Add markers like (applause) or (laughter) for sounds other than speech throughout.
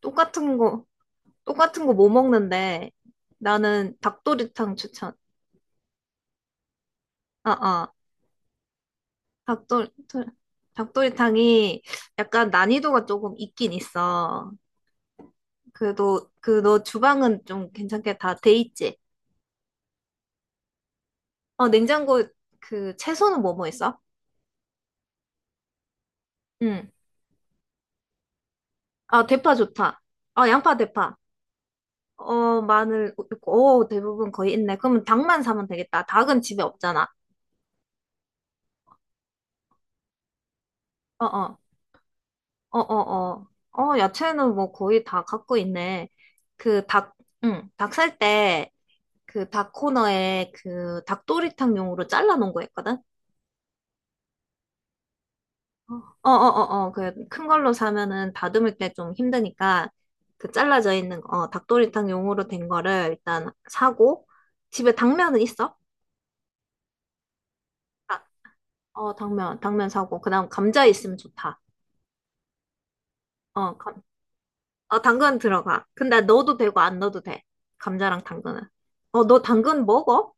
똑같은 거, 똑같은 거 뭐 먹는데. 나는 닭도리탕 추천. 아, 아, 닭도리, 닭도리탕이 약간 난이도가 조금 있긴 있어. 그래도, 그 너 주방은 좀 괜찮게 다 돼 있지? 어, 냉장고 그 채소는 뭐 뭐 있어? 응. 아, 대파 좋다. 아, 양파, 대파. 어, 마늘 있고, 오, 대부분 거의 있네. 그러면 닭만 사면 되겠다. 닭은 집에 없잖아. 어어. 어, 어, 어. 어, 야채는 뭐 거의 다 갖고 있네. 그 닭, 응, 닭 살 때, 그 닭 코너에 그 닭도리탕용으로 잘라놓은 거 있거든? 어, 어, 어, 어. 그 큰 걸로 사면은 다듬을 때 좀 힘드니까 그 잘라져 있는 거, 어, 닭도리탕용으로 된 거를 일단 사고, 집에 당면은 있어? 아, 어, 당면 사고, 그다음 감자 있으면 좋다. 어, 어, 당근 들어가. 근데 넣어도 되고 안 넣어도 돼. 감자랑 당근은. 어, 너 당근 먹어?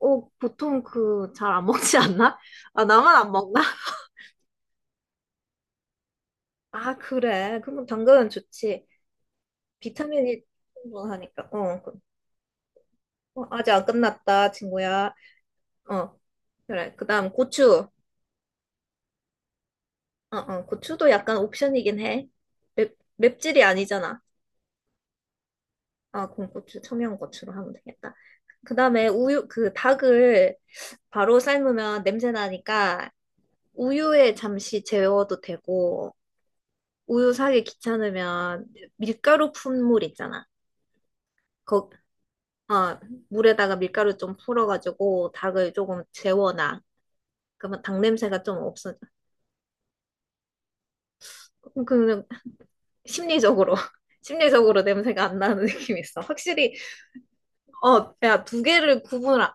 어, 보통 그 잘 안 먹지 않나? 아, 나만 안 먹나? 아, 그래. 그럼 당근은 좋지. 비타민이 충분하니까. 어, 아직 안 끝났다, 친구야. 어, 그래. 그다음 고추. 어, 어, 고추도 약간 옵션이긴 해. 맵찔이 아니잖아. 아, 그럼 고추, 청양고추로 하면 되겠다. 그다음에 우유, 그 닭을 바로 삶으면 냄새 나니까 우유에 잠시 재워도 되고, 우유 사기 귀찮으면 밀가루 푼 물 있잖아. 거, 어, 물에다가 밀가루 좀 풀어가지고 닭을 조금 재워놔. 그러면 닭 냄새가 좀 없어져. 그 심리적으로 (laughs) 심리적으로 냄새가 안 나는 (laughs) 느낌이 있어. 확실히. 어, 야, 두 개를 구분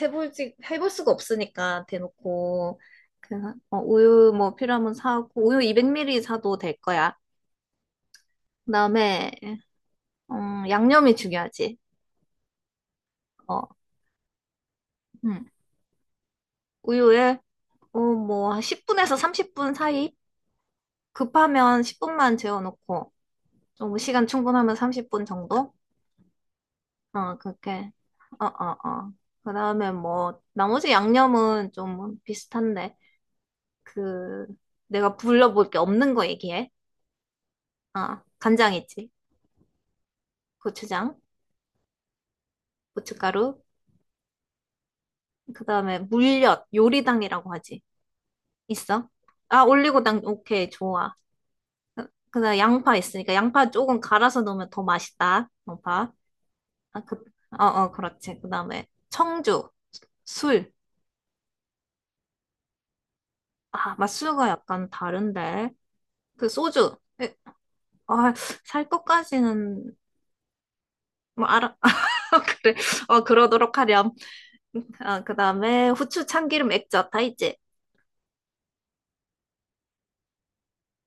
해볼지 해볼 수가 없으니까 대놓고 그냥 우유 뭐 필요하면 사고 우유 200ml 사도 될 거야. 그다음에 양념이 중요하지. 어, 음. 우유에 뭐 10분에서 30분 사이. 급하면 10분만 재워놓고 어, 뭐 시간 충분하면 30분 정도? 어, 그렇게. 어, 어, 어. 그 다음에 뭐, 나머지 양념은 좀 비슷한데. 그, 내가 불러볼 게 없는 거 얘기해. 아, 간장 있지. 고추장, 고춧가루. 그 다음에 물엿, 요리당이라고 하지. 있어? 아, 올리고당, 오케이, 좋아. 그 다음에 양파 있으니까 양파 조금 갈아서 넣으면 더 맛있다. 양파. 아, 그, 어, 어, 그렇지. 그 다음에 청주, 술. 아, 맛술과 약간 다른데. 그 소주. 아, 살 것까지는 뭐 알아. (laughs) 그래. 어, 그러도록 하렴. 아, 그다음에 후추 참기름 액젓 다 있지?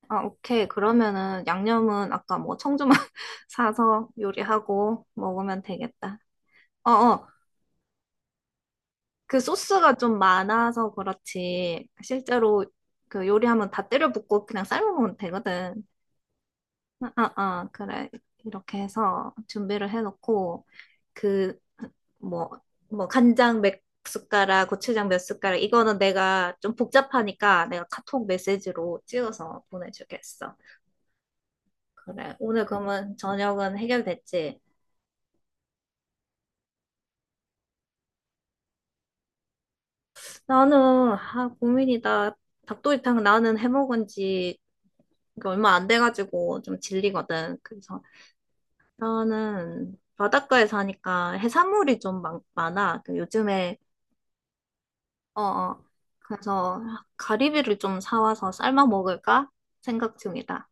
아, 오케이. 그러면은 양념은 아까 뭐 청주만 (laughs) 사서 요리하고 먹으면 되겠다. 어, 어. 그 소스가 좀 많아서 그렇지. 실제로 그 요리하면 다 때려 붓고 그냥 삶아 먹으면 되거든. 아, 아, 아, 그래. 이렇게 해서 준비를 해놓고 그 뭐, 뭐, 간장 몇 숟가락, 고추장 몇 숟가락, 이거는 내가 좀 복잡하니까 내가 카톡 메시지로 찍어서 보내주겠어. 그래. 오늘 그러면 저녁은 해결됐지? 나는, 아, 고민이다. 닭도리탕 나는 해먹은 지 얼마 안 돼가지고 좀 질리거든. 그래서 나는 바닷가에 사니까 해산물이 좀 많아. 그 요즘에, 어, 어. 그래서 가리비를 좀 사와서 삶아 먹을까 생각 중이다.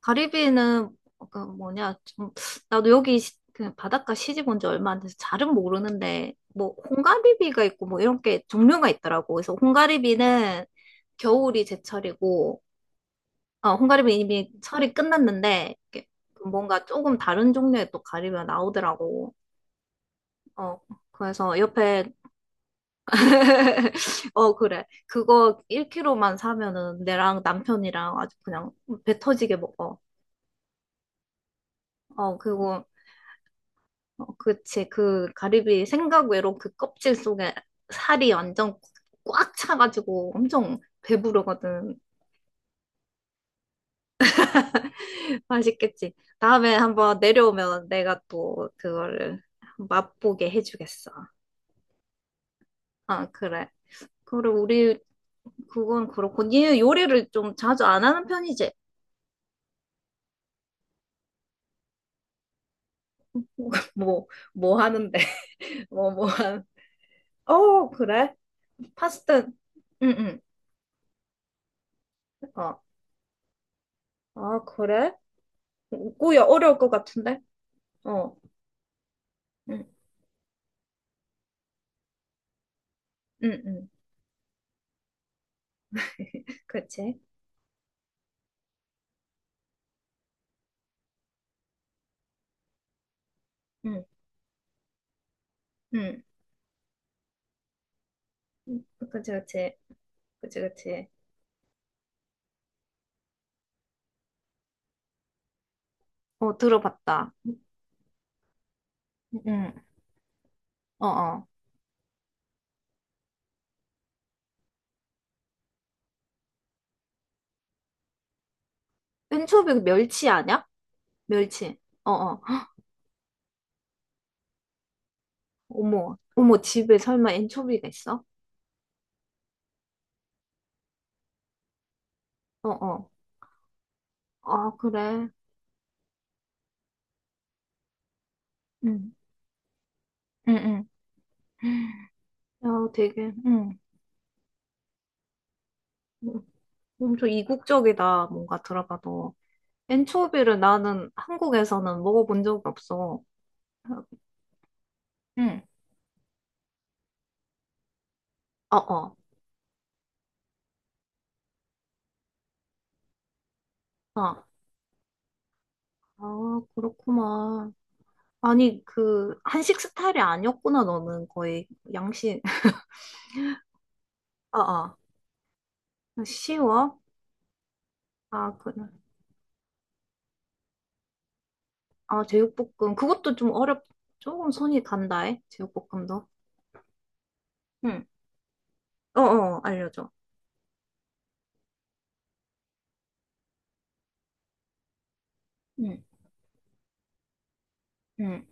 가리비는 그 뭐냐 좀, 나도 여기 그 바닷가 시집 온 지 얼마 안 돼서 잘은 모르는데 뭐 홍가리비가 있고 뭐 이런 게 종류가 있더라고. 그래서 홍가리비는 겨울이 제철이고 어 홍가리비 이미 철이 끝났는데 이렇게 뭔가 조금 다른 종류의 또 가리비가 나오더라고. 어 그래서 옆에 어 그래 그거 1kg만 사면은 내랑 남편이랑 아주 그냥 배 터지게 먹어. 어 그리고 어, 그치. 그 가리비 생각 외로 그 껍질 속에 살이 완전 꽉 차가지고 엄청 배부르거든. (laughs) 맛있겠지. 다음에 한번 내려오면 내가 또 그거를 맛보게 해주겠어. 아, 그래. 그리고 우리 그건 그렇고 니 요리를 좀 자주 안 하는 편이지. (laughs) 뭐, 뭐 하는데. (laughs) 뭐, 뭐 하는. 어, 그래. 파스타. 응, 응. 어. 아, 그래? 꼬야 어려울 것 같은데? 어. 응, 응, 응. (laughs) 그렇지. 응, 응. 응, 그렇지, 그렇지, 그렇지, 그렇지. 어, 들어봤다. 응, 어, 어. 엔초비 멸치 아냐? 멸치. 어, 어. 어머, 어머, 집에 설마 엔초비가 있어? 어, 어. 아, 그래. 응, 응, 응. 야, 되게, 응. 엄청 이국적이다, 뭔가 들어봐도. 엔초비를 나는 한국에서는 먹어본 적이 없어. 응. 어, 어. 어. 아, 그렇구만. 아니, 그, 한식 스타일이 아니었구나, 너는 거의. 양식. (laughs) 아, 아. 쉬워? 아, 그, 아, 제육볶음. 그것도 좀 조금 손이 간다, 해. 제육볶음도. 응. 어어, 알려줘. 응, 응.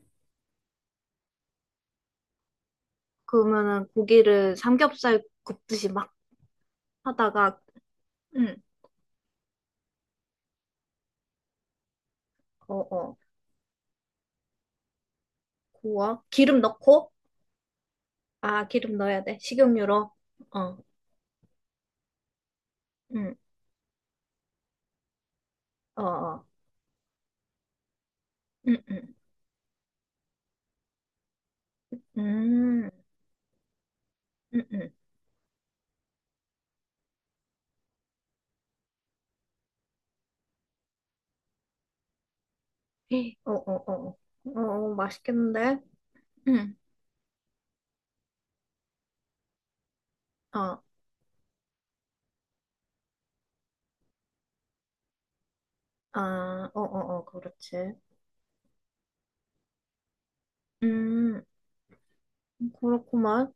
그러면은 고기를 삼겹살 굽듯이 막 하다가, 응, 어어, 구워. 기름 넣고? 아, 기름 넣어야 돼. 식용유로. 어, 응, 어어, 응, 응. 음, 응, 응. 어어어. 어, 어, 맛있겠는데? 응. 어, 아, 어, 어, 어, 그렇지. 음, 그렇구만.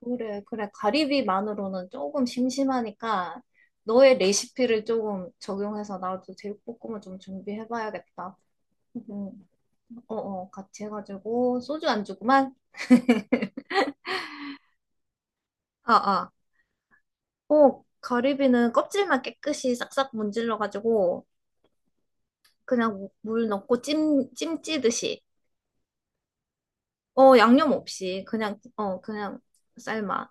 그래, 그래. 가리비만으로는 조금 심심하니까 너의 레시피를 조금 적용해서 나도 제육볶음을 좀 준비해봐야겠다. 음, 어, 어, 같이 해가지고 소주 안주구만. 아, 아. 어, 가리비는 껍질만 깨끗이 싹싹 문질러가지고 그냥 물 넣고 찜 찌듯이. 어, 양념 없이 그냥 삶아.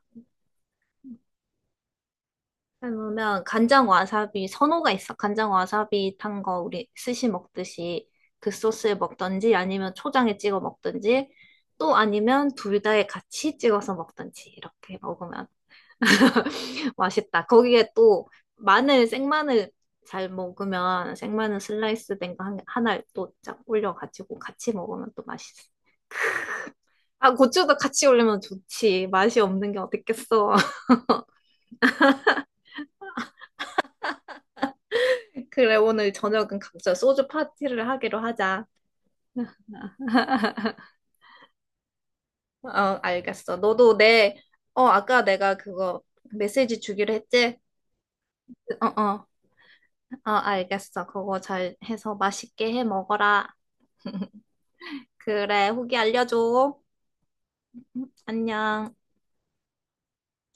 그러면 간장 와사비 선호가 있어? 간장 와사비 탄 거 우리 스시 먹듯이 그 소스에 먹든지 아니면 초장에 찍어 먹든지 또 아니면 둘 다에 같이 찍어서 먹든지 이렇게 먹으면 (laughs) 맛있다. 거기에 또 마늘 생마늘 잘 먹으면 생마늘 슬라이스 된 거 하나 또쫙 올려가지고 같이 먹으면 또 맛있어. 아, 고추도 같이 올리면 좋지. 맛이 없는 게 어딨겠어. (laughs) 그래, 오늘 저녁은 각자 소주 파티를 하기로 하자. (laughs) 어, 알겠어. 어, 아까 내가 그거 메시지 주기로 했지? 어, 어, 어, 알겠어. 그거 잘 해서 맛있게 해 먹어라. (laughs) 그래, 후기 알려줘. 안녕.